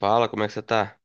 Fala, como é que você tá?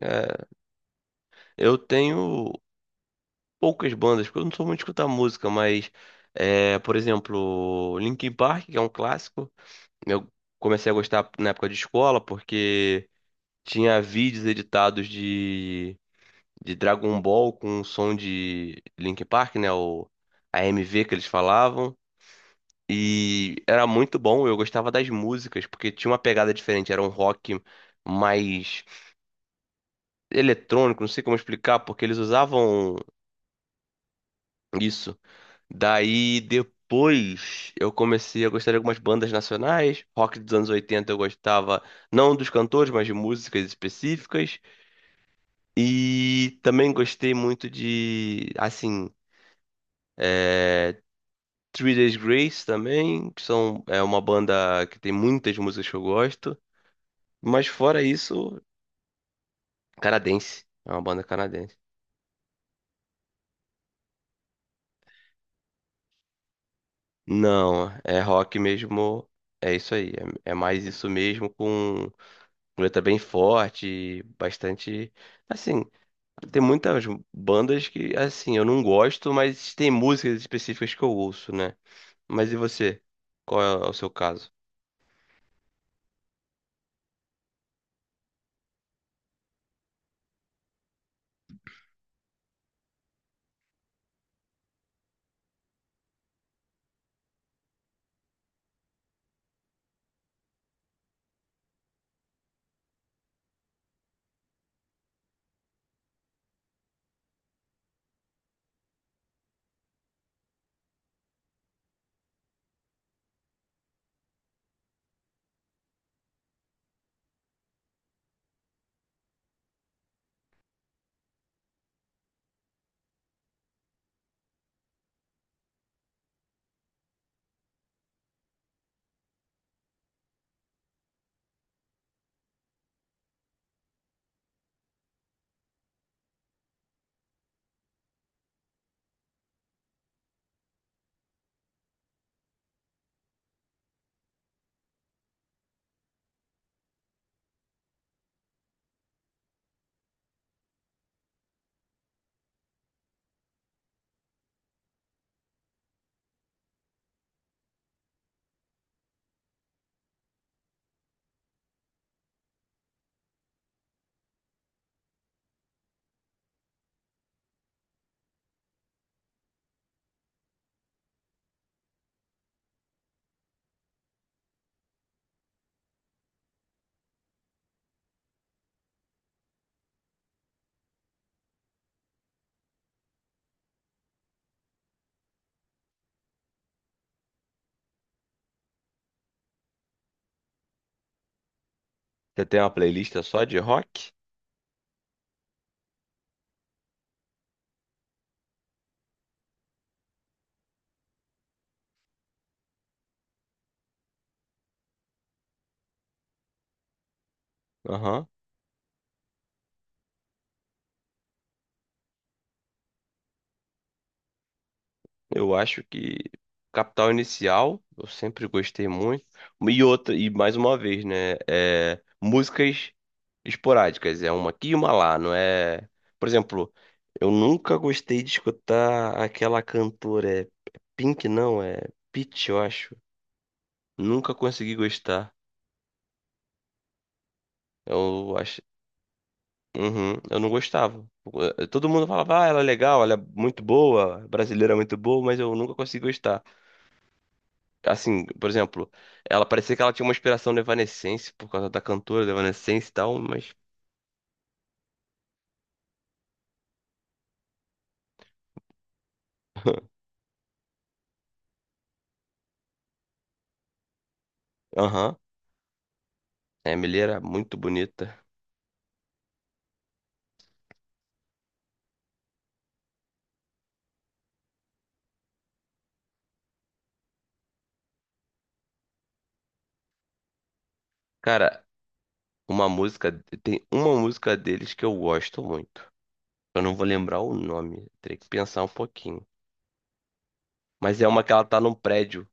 É, eu tenho poucas bandas, porque eu não sou muito de escutar música, mas, por exemplo, Linkin Park, que é um clássico, eu comecei a gostar na época de escola, porque tinha vídeos editados de Dragon Ball com o som de Linkin Park, né? O a AMV que eles falavam. E era muito bom, eu gostava das músicas, porque tinha uma pegada diferente, era um rock mais eletrônico, não sei como explicar, porque eles usavam. Isso. Daí depois eu comecei a gostar de algumas bandas nacionais. Rock dos anos 80 eu gostava, não dos cantores, mas de músicas específicas. E também gostei muito de, assim, é, Three Days Grace também, é uma banda que tem muitas músicas que eu gosto. Mas fora isso, canadense. É uma banda canadense. Não, é rock mesmo. É isso aí. É, é mais isso mesmo com. Muleta bem forte, bastante. Assim, tem muitas bandas que, assim, eu não gosto, mas tem músicas específicas que eu ouço, né? Mas e você? Qual é o seu caso? Você tem uma playlist só de rock? Aham. Eu acho que Capital Inicial, eu sempre gostei muito. E outra, e mais uma vez, né? É, músicas esporádicas, é uma aqui e uma lá, não é? Por exemplo, eu nunca gostei de escutar aquela cantora, é Pink, não, é Pitty, eu acho. Nunca consegui gostar. Eu acho, uhum, eu não gostava. Eh, todo mundo falava, ah, ela é legal, ela é muito boa, brasileira é muito boa, mas eu nunca consegui gostar. Assim, por exemplo, ela parecia que ela tinha uma inspiração no Evanescence por causa da cantora do Evanescence e tal, mas. Aham. A Emily era muito bonita. Cara, uma música. Tem uma música deles que eu gosto muito. Eu não vou lembrar o nome, teria que pensar um pouquinho. Mas é uma que ela tá num prédio,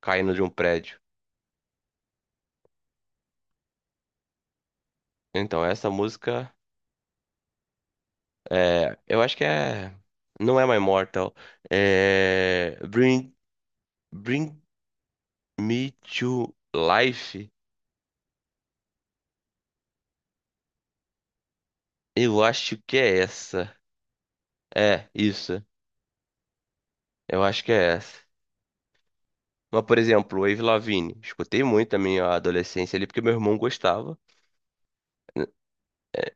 caindo de um prédio. Então, essa música. É, eu acho que é. Não é My Mortal. É. Bring Me to Life. Eu acho que é essa. É, isso. Eu acho que é essa. Mas, por exemplo, Avril Lavigne. Escutei muito na minha adolescência ali, porque meu irmão gostava.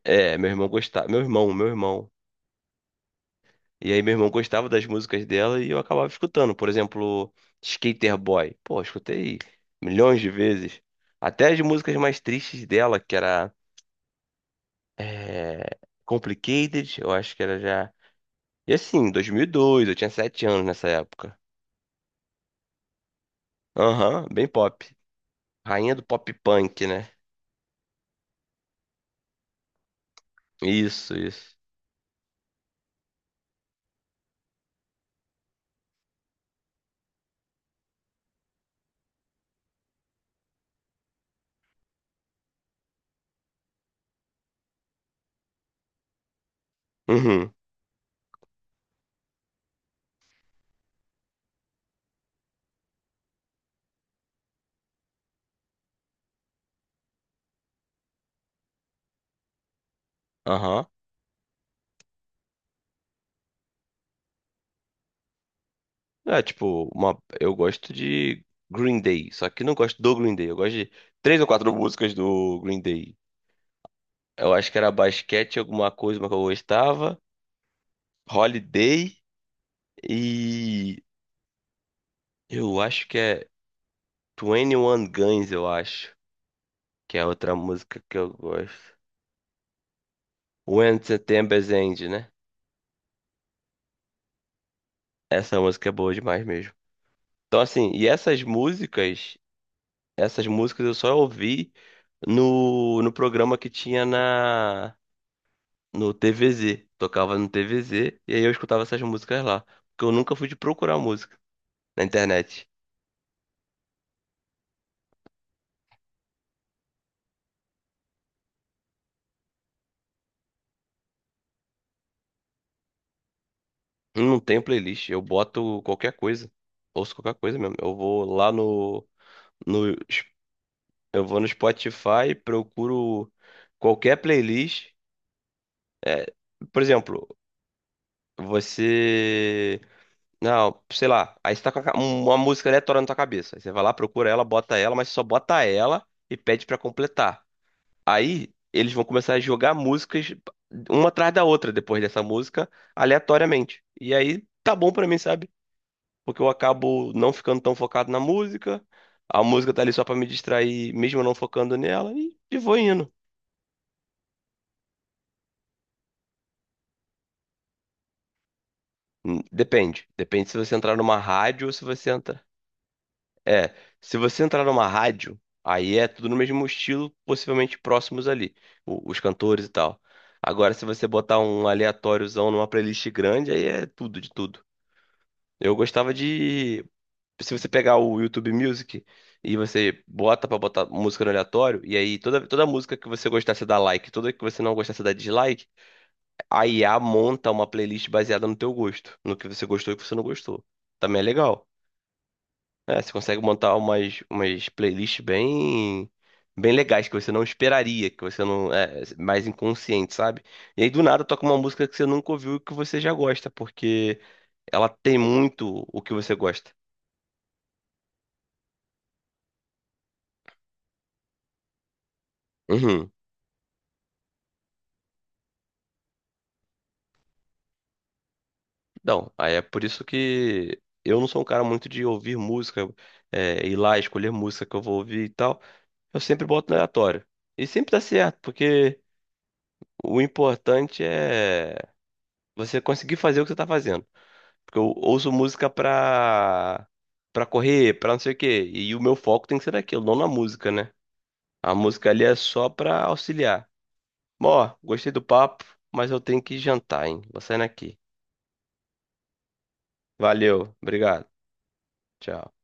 É, meu irmão gostava. Meu irmão. E aí, meu irmão gostava das músicas dela e eu acabava escutando. Por exemplo, Skater Boy. Pô, escutei milhões de vezes. Até as músicas mais tristes dela, que era é, Complicated, eu acho que era já. E assim, 2002, eu tinha 7 anos nessa época. Aham, bem pop. Rainha do pop punk, né? Isso, isso. Uhum. Aham. É, tipo, uma... eu gosto de Green Day, só que não gosto do Green Day. Eu gosto de três ou quatro músicas do Green Day. Eu acho que era basquete, alguma coisa uma que eu gostava. Holiday e eu acho que é Twenty One Guns, eu acho, que é outra música que eu gosto. When September's End, né? Essa música é boa demais mesmo. Então assim, essas músicas eu só ouvi no programa que tinha na no TVZ. Tocava no TVZ e aí eu escutava essas músicas lá. Porque eu nunca fui de procurar música na internet. Não tem playlist, eu boto qualquer coisa. Ouço qualquer coisa mesmo. Eu vou lá no, no eu vou no Spotify, procuro qualquer playlist. É, por exemplo, você não, sei lá, aí você tá com a uma música aleatória na tua cabeça. Aí você vai lá, procura ela, bota ela, mas só bota ela e pede pra completar. Aí eles vão começar a jogar músicas uma atrás da outra depois dessa música, aleatoriamente. E aí tá bom pra mim, sabe? Porque eu acabo não ficando tão focado na música, a música tá ali só pra me distrair, mesmo eu não focando nela, e vou indo. Depende. Depende se você entrar numa rádio ou se você entra. É, se você entrar numa rádio, aí é tudo no mesmo estilo, possivelmente próximos ali, os cantores e tal. Agora, se você botar um aleatóriozão numa playlist grande, aí é tudo de tudo. Eu gostava de. Se você pegar o YouTube Music e você bota pra botar música no aleatório, e aí toda música que você gostasse dá like, toda que você não gostasse dá dislike, a IA monta uma playlist baseada no teu gosto, no que você gostou e o que você não gostou. Também é legal. É, você consegue montar umas playlists bem, bem legais que você não esperaria, que você não. É, mais inconsciente, sabe? E aí do nada toca uma música que você nunca ouviu e que você já gosta, porque ela tem muito o que você gosta. Uhum. Não, aí é por isso que eu não sou um cara muito de ouvir música, é, ir lá escolher música que eu vou ouvir e tal. Eu sempre boto no aleatório. E sempre dá certo, porque o importante é você conseguir fazer o que você tá fazendo. Porque eu ouço música pra correr, pra não sei o quê. E o meu foco tem que ser naquilo, não na música, né? A música ali é só pra auxiliar. Bom, ó, gostei do papo, mas eu tenho que jantar, hein? Vou saindo aqui. Valeu, obrigado. Tchau.